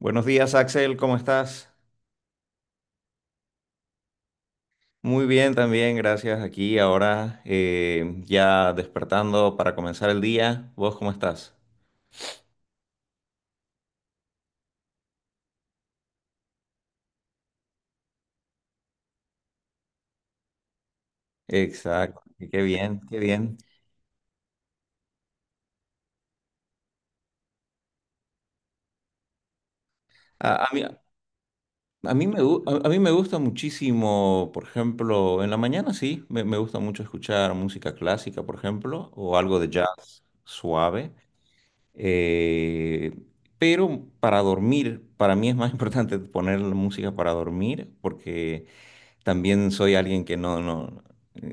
Buenos días, Axel, ¿cómo estás? Muy bien, también, gracias. Aquí ahora ya despertando para comenzar el día. ¿Vos cómo estás? Exacto, y qué bien, qué bien. A, a mí, a a mí me gusta muchísimo, por ejemplo, en la mañana sí, me gusta mucho escuchar música clásica, por ejemplo, o algo de jazz suave. Eh, pero para dormir, para mí es más importante poner la música para dormir porque. También soy alguien que no, no,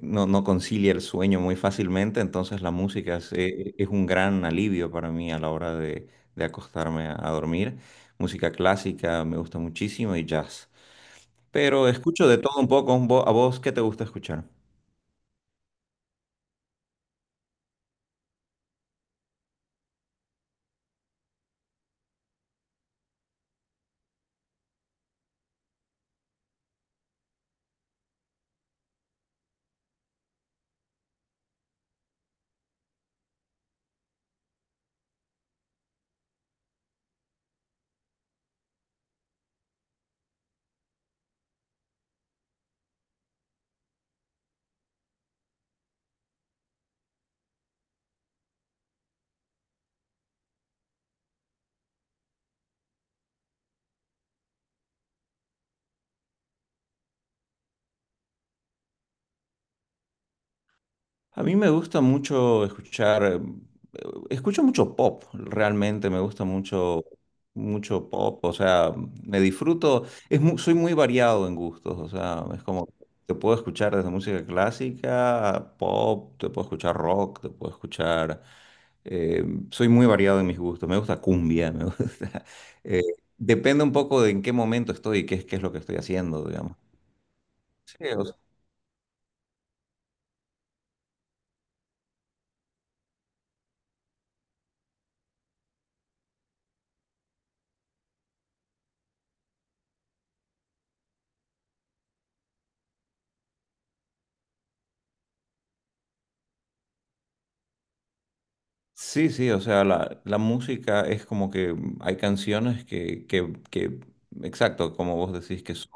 no, no concilia el sueño muy fácilmente, entonces la música es un gran alivio para mí a la hora de acostarme a dormir. Música clásica me gusta muchísimo y jazz. Pero escucho de todo un poco. ¿A vos qué te gusta escuchar? A mí me gusta mucho escuchar, escucho mucho pop, realmente me gusta mucho, mucho pop, o sea, me disfruto, es soy muy variado en gustos, o sea, es como, te puedo escuchar desde música clásica, a pop, te puedo escuchar rock, te puedo eh, soy muy variado en mis gustos, me gusta cumbia, me gusta, eh, depende un poco de en qué momento estoy y qué es lo que estoy haciendo, digamos. Sí, o Sí, sí, o sea, la música es como que hay canciones que, exacto, como vos decís que son.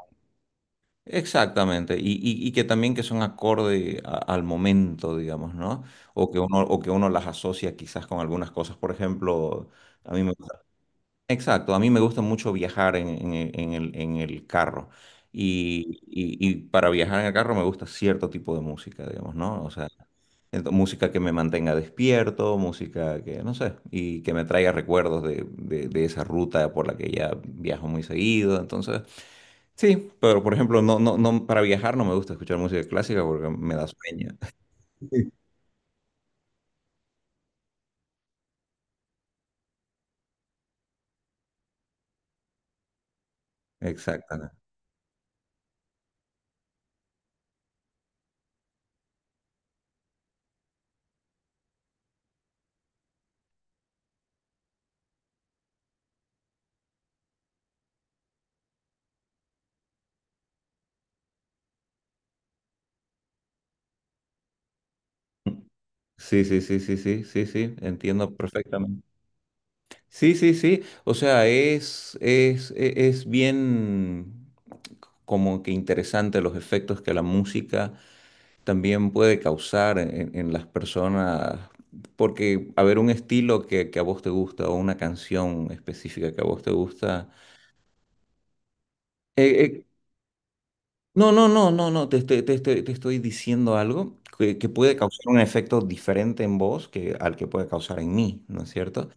Exactamente, y que también que son acorde al momento, digamos, ¿no? O que uno las asocia quizás con algunas cosas. Por ejemplo, a mí me exacto, a mí me gusta mucho viajar en el carro, y para viajar en el carro me gusta cierto tipo de música, digamos, ¿no? O sea, música que me mantenga despierto, música que, no sé, y que me traiga recuerdos de esa ruta por la que ya viajo muy seguido, entonces, sí, pero por ejemplo, no, para viajar no me gusta escuchar música clásica porque me da sueño. Exactamente. Sí, sí, sí, sí, sí, sí, sí, entiendo perfectamente. Sí, sí, sí. O sea, es bien como que interesante los efectos que la música también puede causar en las personas. Porque, a ver, un estilo que a vos te gusta o una canción específica que a vos te gusta. eh, eh, no, no, no, no, no. Te estoy diciendo algo que puede causar un efecto diferente en vos que al que puede causar en mí, ¿no es cierto?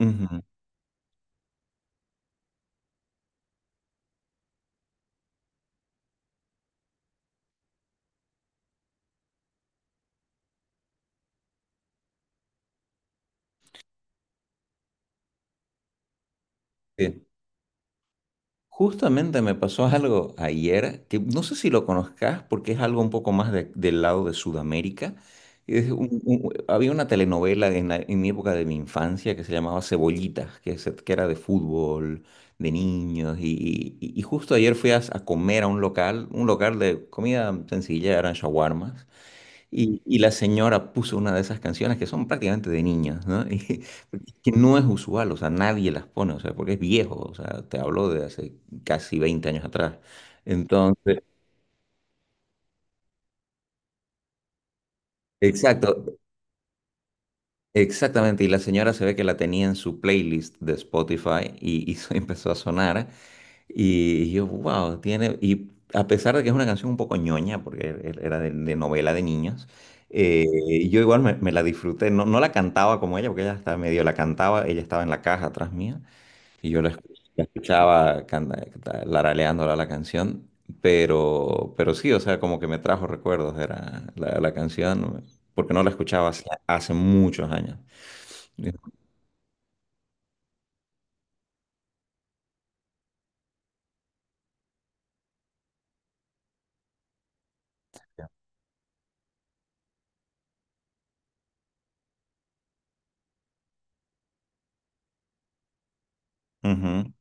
Ujú, sí. Justamente me pasó algo ayer que no sé si lo conozcas porque es algo un poco más del lado de Sudamérica. Había una telenovela en mi época de mi infancia que se llamaba Cebollitas, que era de fútbol, de niños. Y justo ayer fui a comer a un local de comida sencilla, eran shawarmas. Y la señora puso una de esas canciones que son prácticamente de niñas, ¿no? Y que no es usual, o sea, nadie las pone, o sea, porque es viejo, o sea, te hablo de hace casi 20 años atrás. Entonces, exacto, exactamente. Y la señora se ve que la tenía en su playlist de Spotify y empezó a sonar. Y yo, wow, tiene. Y a pesar de que es una canción un poco ñoña, porque era de novela de niños, eh, yo igual me la disfruté. No, no la cantaba como ella, porque ella estaba medio la cantaba, ella estaba en la caja atrás mía, y yo la escuchaba laraleándola la canción. Pero sí, o sea, como que me trajo recuerdos, era la canción, porque no la escuchaba hace muchos años. Ujú,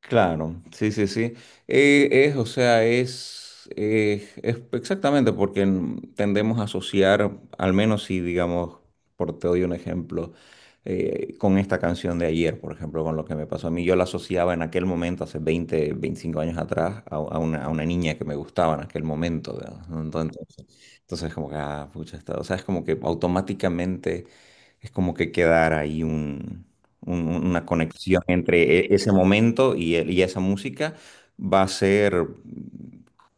claro, sí, sí, sí. Es, o sea, es exactamente porque tendemos a asociar, al menos si, digamos, por te doy un ejemplo, con esta canción de ayer, por ejemplo, con lo que me pasó a mí, yo la asociaba en aquel momento, hace 20, 25 años atrás, a una niña que me gustaba en aquel momento, ¿verdad? Entonces, entonces como que, ah, pucha, o sea, es como que automáticamente es como que quedar ahí una conexión entre ese momento y esa música va a ser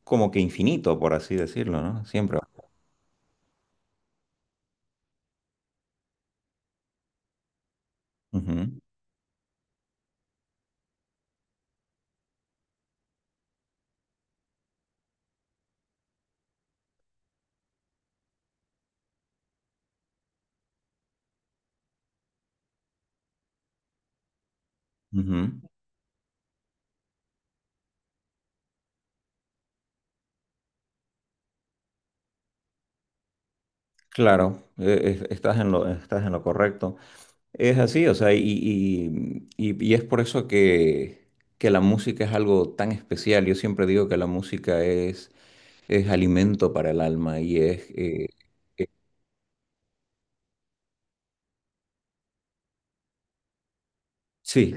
como que infinito, por así decirlo, ¿no? Siempre. Ujú, ujú. Claro, estás en lo correcto. Es así, o sea, y es por eso que la música es algo tan especial. Yo siempre digo que la música es alimento para el alma y es... eh, sí,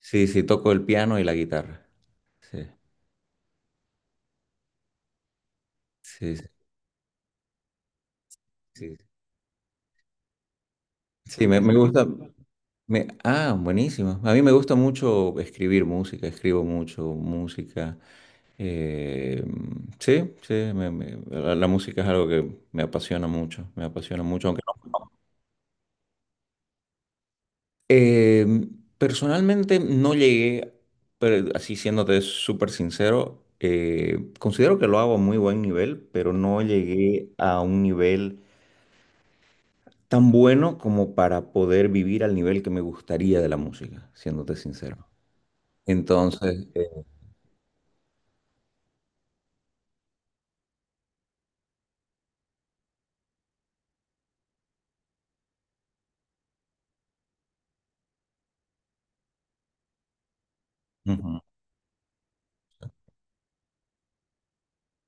sí, sí, toco el piano y la guitarra. Sí, sí, sí. Sí, sí, me gusta. Buenísimo. A mí me gusta mucho escribir música, escribo mucho música. Eh, sí, sí, la música es algo que me apasiona mucho, aunque no. Eh, Personalmente no llegué, pero así siéndote súper sincero, considero que lo hago a muy buen nivel, pero no llegué a un nivel tan bueno como para poder vivir al nivel que me gustaría de la música, siéndote sincero. Entonces, ujú.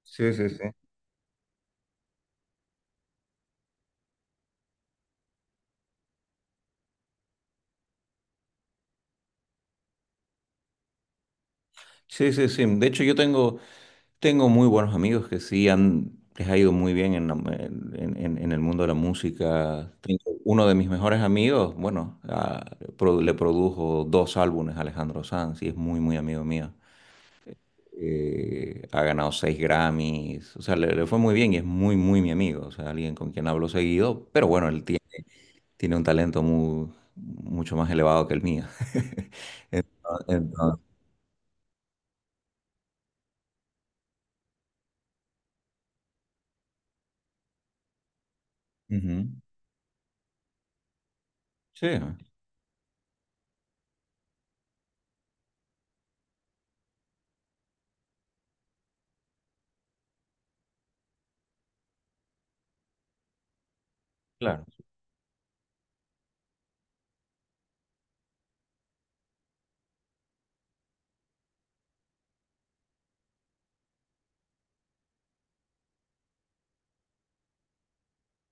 Sí, sí, sí. Sí, sí, sí. De hecho, yo tengo, muy buenos amigos que sí les ha ido muy bien en el mundo de la música. Tengo uno de mis mejores amigos, bueno, le produjo dos álbumes a Alejandro Sanz y es muy, muy amigo mío. Ha ganado seis Grammys, o sea, le fue muy bien y es muy, muy mi amigo, o sea, alguien con quien hablo seguido, pero bueno, el tiempo tiene un talento mucho más elevado que el mío. Entonces, ujú. Sí, claro,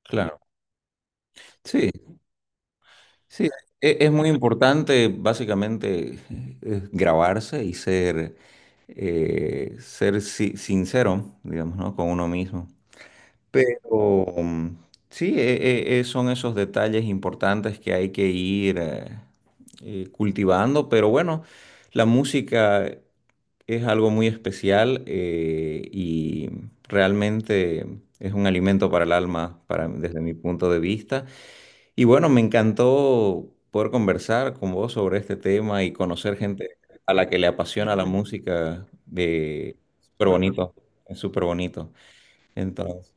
claro. Sí, sí, es, muy importante básicamente grabarse y ser sincero, digamos, ¿no? Con uno mismo. Pero sí, son esos detalles importantes que hay que ir cultivando, pero bueno, la música. Es algo muy especial, y realmente es un alimento para el alma, para, desde mi punto de vista. Y bueno, me encantó poder conversar con vos sobre este tema y conocer gente a la que le apasiona la música. De. Súper bonito, es súper bonito. Entonces,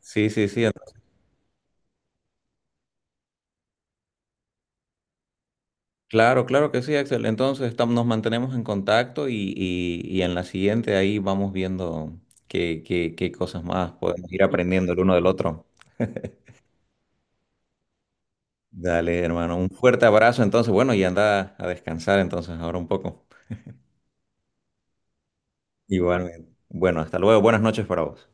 sí, sí, sí. Claro, claro que sí, Axel. Entonces, nos mantenemos en contacto y en la siguiente ahí vamos viendo qué cosas más podemos ir aprendiendo el uno del otro. Dale, hermano. Un fuerte abrazo entonces. Bueno, y anda a descansar entonces ahora un poco. Igualmente. Bueno, hasta luego. Buenas noches para vos.